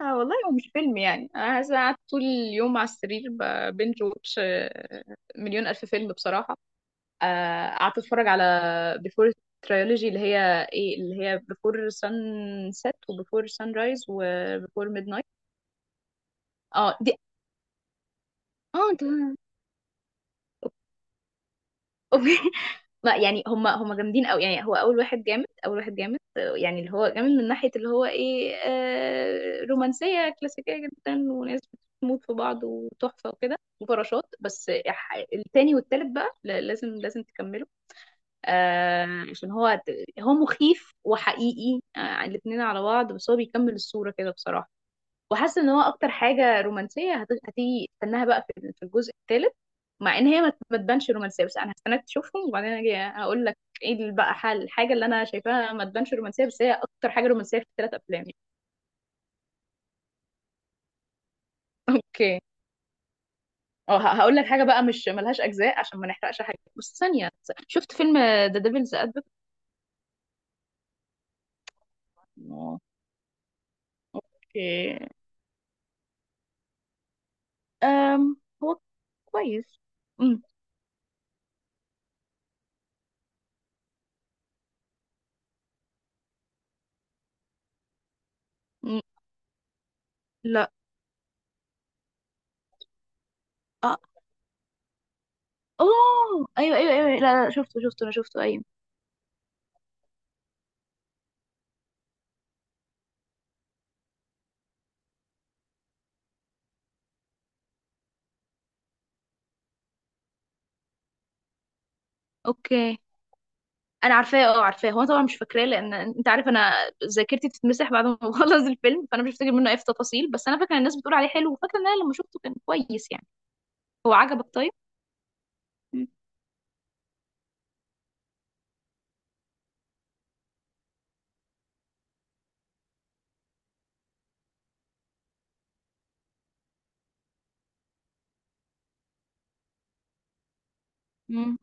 آه والله هو مش فيلم، يعني انا عايزة قاعد طول اليوم على السرير ببنج واتش مليون الف فيلم بصراحة. قعدت اتفرج على بيفور تريولوجي اللي هي بيفور سان سيت وبيفور سان رايز وبيفور ميد نايت. اه دي. اه انت. اوكي. ما يعني هم جامدين قوي، يعني هو اول واحد جامد، اول واحد جامد، يعني اللي هو جامد من ناحية اللي هو ايه رومانسية كلاسيكية جدا، وناس بتموت في بعض وتحفة وكده وفراشات. بس التاني والتالت بقى لازم تكمله، عشان هو مخيف وحقيقي، الاتنين على بعض، بس هو بيكمل الصورة كده بصراحة. وحاسه ان هو اكتر حاجه رومانسيه هتيجي استناها بقى في الجزء الثالث، مع ان هي ما تبانش رومانسيه، بس انا هستناك تشوفهم وبعدين اجي اقول لك ايه بقى حل الحاجه اللي انا شايفاها ما تبانش رومانسيه، بس هي اكتر حاجه رومانسيه في الثلاث افلام يعني. اوكي. اه هقول لك حاجه بقى مش ملهاش اجزاء عشان ما نحرقش حاجه، بس ثانيه. شفت فيلم ذا ديفلز ادفوكيت؟ اوكي. أم هو كويس. أم، أم، لا. اه. اوه ايوه ايوه ايوه أيوه. لا لا، شفته شفته، انا شفته، ايوه. اوكي. انا عارفاه، اه عارفاه، هو أنا طبعا مش فاكراه لان انت عارف انا ذاكرتي بتتمسح بعد ما بخلص الفيلم، فانا مش فاكر منه اي تفاصيل، بس انا فاكره إن الناس بتقول عليه حلو، وفاكره ان انا لما شفته كان كويس يعني. هو عجبك طيب؟ مم. مم.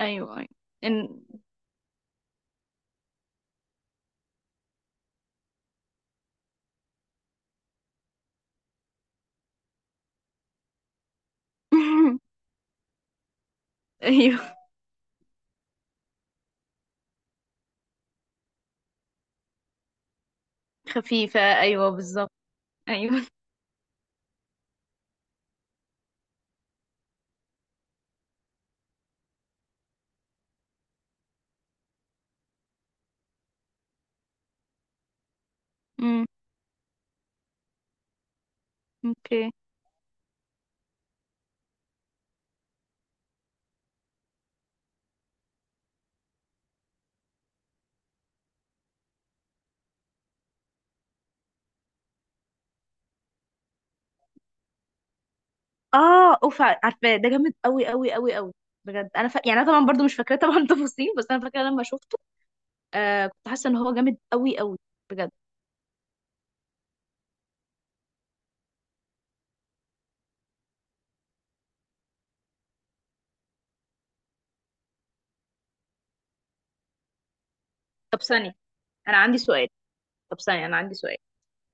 ايوه ايوه. إن... ايوه. خفيفه، ايوه بالظبط. ايوه. مم. اوكي. اه اوف، عارفاه ده جامد قوي قوي قوي قوي بجد. انا يعني انا طبعا برضو مش فاكراه طبعا تفاصيل، بس انا فاكره لما شفته كنت حاسه ان هو جامد قوي قوي بجد. طب ثانيه انا عندي سؤال. طب ثانيه انا عندي سؤال.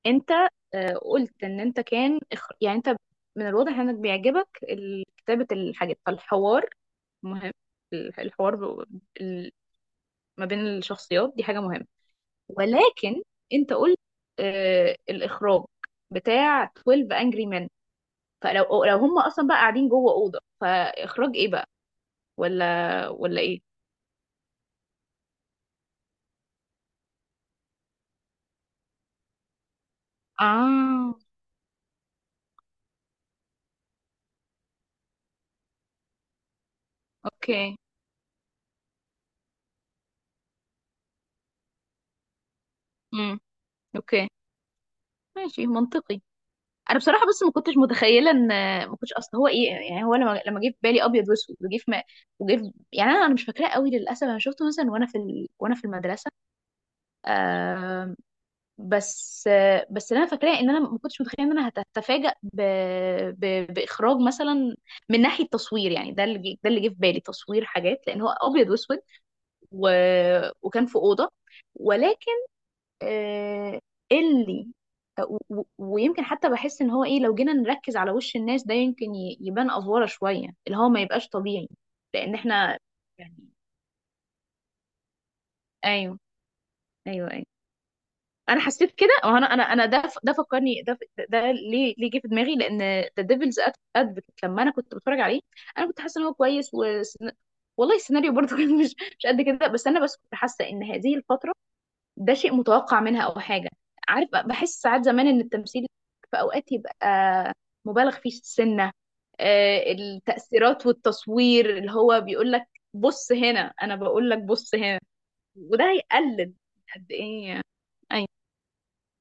انت قلت ان انت كان يعني انت من الواضح انك بيعجبك كتابة الحاجات، فالحوار مهم. الحوار ال- ما بين الشخصيات دي حاجة مهمة، ولكن انت قلت الاخراج بتاع 12 Angry Men. فلو هم اصلا بقى قاعدين جوه أوضة، فاخراج ايه بقى، ولا ايه؟ اه. اوكي. امم. اوكي، ماشي منطقي. انا بصراحه، بس ما كنتش متخيله ان ما كنتش اصل هو ايه، يعني هو لما جه في بالي ابيض واسود، وجه في ما وجه في، يعني انا مش فاكراه قوي للاسف، انا شفته مثلا وانا في وانا في المدرسه. آه. بس اللي انا فاكراه ان انا ما كنتش متخيله ان انا هتفاجأ باخراج مثلا، من ناحيه تصوير، يعني ده اللي جه في بالي تصوير حاجات لان هو ابيض واسود، و... وكان في اوضه، ولكن آه، اللي آه، و- و- ويمكن حتى بحس ان هو ايه، لو جينا نركز على وش الناس، ده يمكن يبان افوره شويه، اللي هو ما يبقاش طبيعي لان احنا يعني. ايوه ايوه ايوه. انا حسيت كده، وانا انا ده فكرني ده ليه جه في دماغي، لان ذا ديفلز ادفوكيت لما انا كنت بتفرج عليه انا كنت حاسه ان هو كويس والله السيناريو برضه كان مش قد كده، بس انا بس كنت حاسه ان هذه الفتره ده شيء متوقع منها او حاجه. عارف، بحس ساعات زمان ان التمثيل في اوقات يبقى مبالغ فيه سنه، التأثيرات والتصوير اللي هو بيقول لك بص هنا، انا بقول لك بص هنا، وده هيقلل قد ايه. اي.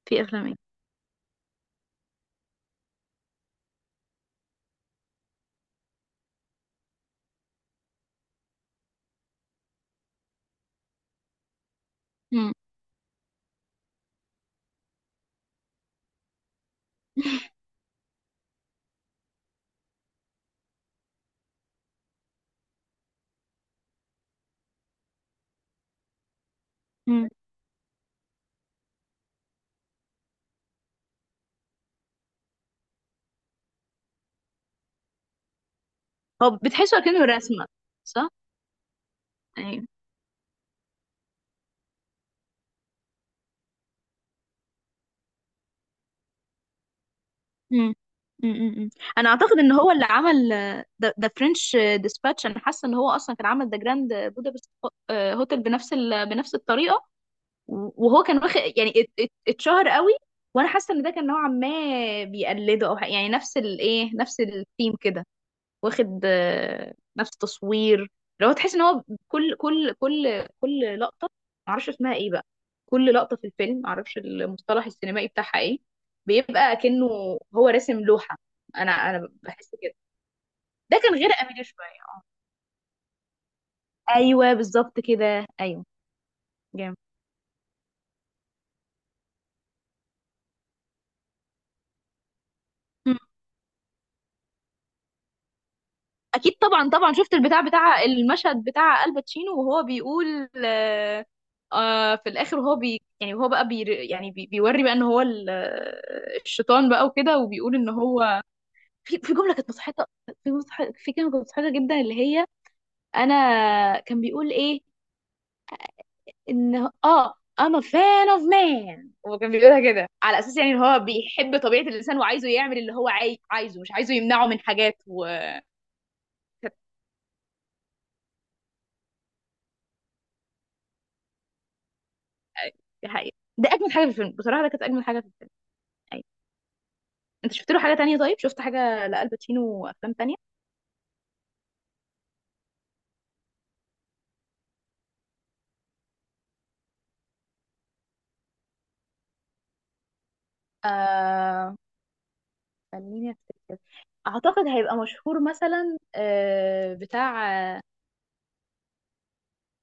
في افلام ايه. مم. مم. هو بتحسه كأنه رسمه، صح؟ ايوه. مم. مم. مم. انا اعتقد ان هو اللي عمل ده فرنش ديسباتش، انا حاسه ان هو اصلا كان عمل ده جراند بودابست هوتل بنفس بنفس الطريقه، وهو كان واخد يعني اتشهر قوي، وانا حاسه ان ده كان نوعا ما بيقلده، او يعني نفس الايه نفس الثيم كده، واخد نفس تصوير. لو تحس ان هو كل لقطه، معرفش اسمها ايه بقى، كل لقطه في الفيلم معرفش المصطلح السينمائي بتاعها ايه، بيبقى كأنه هو راسم لوحه. انا بحس كده. ده كان غير اميلي شويه، اه. ايوه بالظبط كده، ايوه. جامد. اكيد طبعا طبعا، شفت البتاع بتاع المشهد بتاع الباتشينو وهو بيقول آه. في الاخر هو بي، يعني هو بقى بي، يعني بي بيوري بقى ان هو الشيطان بقى وكده، وبيقول ان هو في جمله كانت مضحكه. في مضحك، في كلمه كانت مضحكه جدا اللي هي، انا، كان بيقول ايه، ان I'm a fan of man. هو كان بيقولها كده على اساس، يعني ان هو بيحب طبيعه الانسان وعايزه يعمل اللي هو عايزه، مش عايزه يمنعه من حاجات. دي حقيقة ده أجمل حاجة في الفيلم بصراحة، ده كانت أجمل حاجة في الفيلم. أيوة. أنت شفت له حاجة تانية؟ طيب شفت حاجة لألباتشينو وأفلام تانية؟ آه خليني أفتكر. أعتقد هيبقى مشهور مثلا، بتاع،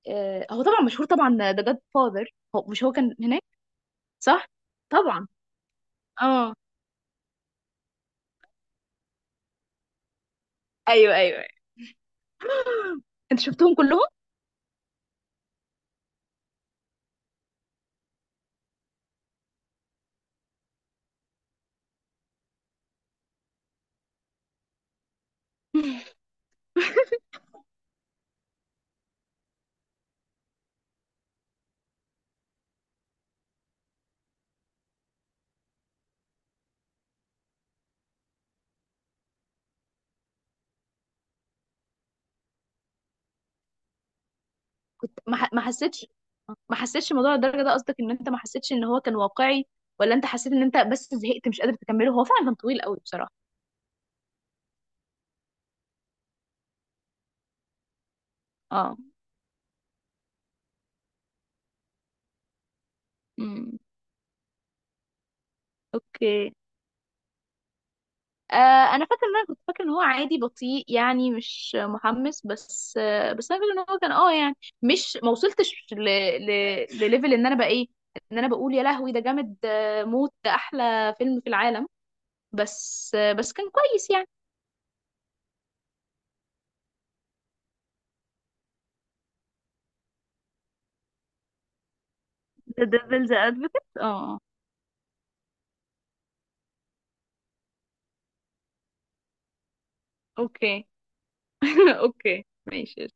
هو طبعا مشهور طبعا ذا جاد فاذر، هو مش هو كان هناك، صح؟ طبعا. اه. ايوه ايوه أيوة. انت شفتهم كلهم؟ كنت ما حسيتش الموضوع للدرجه ده، قصدك ان انت ما حسيتش ان هو كان واقعي، ولا انت حسيت ان انت بس زهقت مش قادر تكمله؟ هو فعلا كان طويل قوي بصراحه. اه. امم. اوكي. آه انا فاكره ان انا كنت فاكره ان هو عادي بطيء، يعني مش محمس، بس انا فاكره ان هو كان يعني، مش ما وصلتش ل... لليفل ان انا بقى ايه، ان انا بقول يا لهوي ده جامد موت، ده احلى فيلم في العالم. بس كان كويس يعني. ذا ديفلز ادفوكيت، اه. اوكي. اوكي ماشي.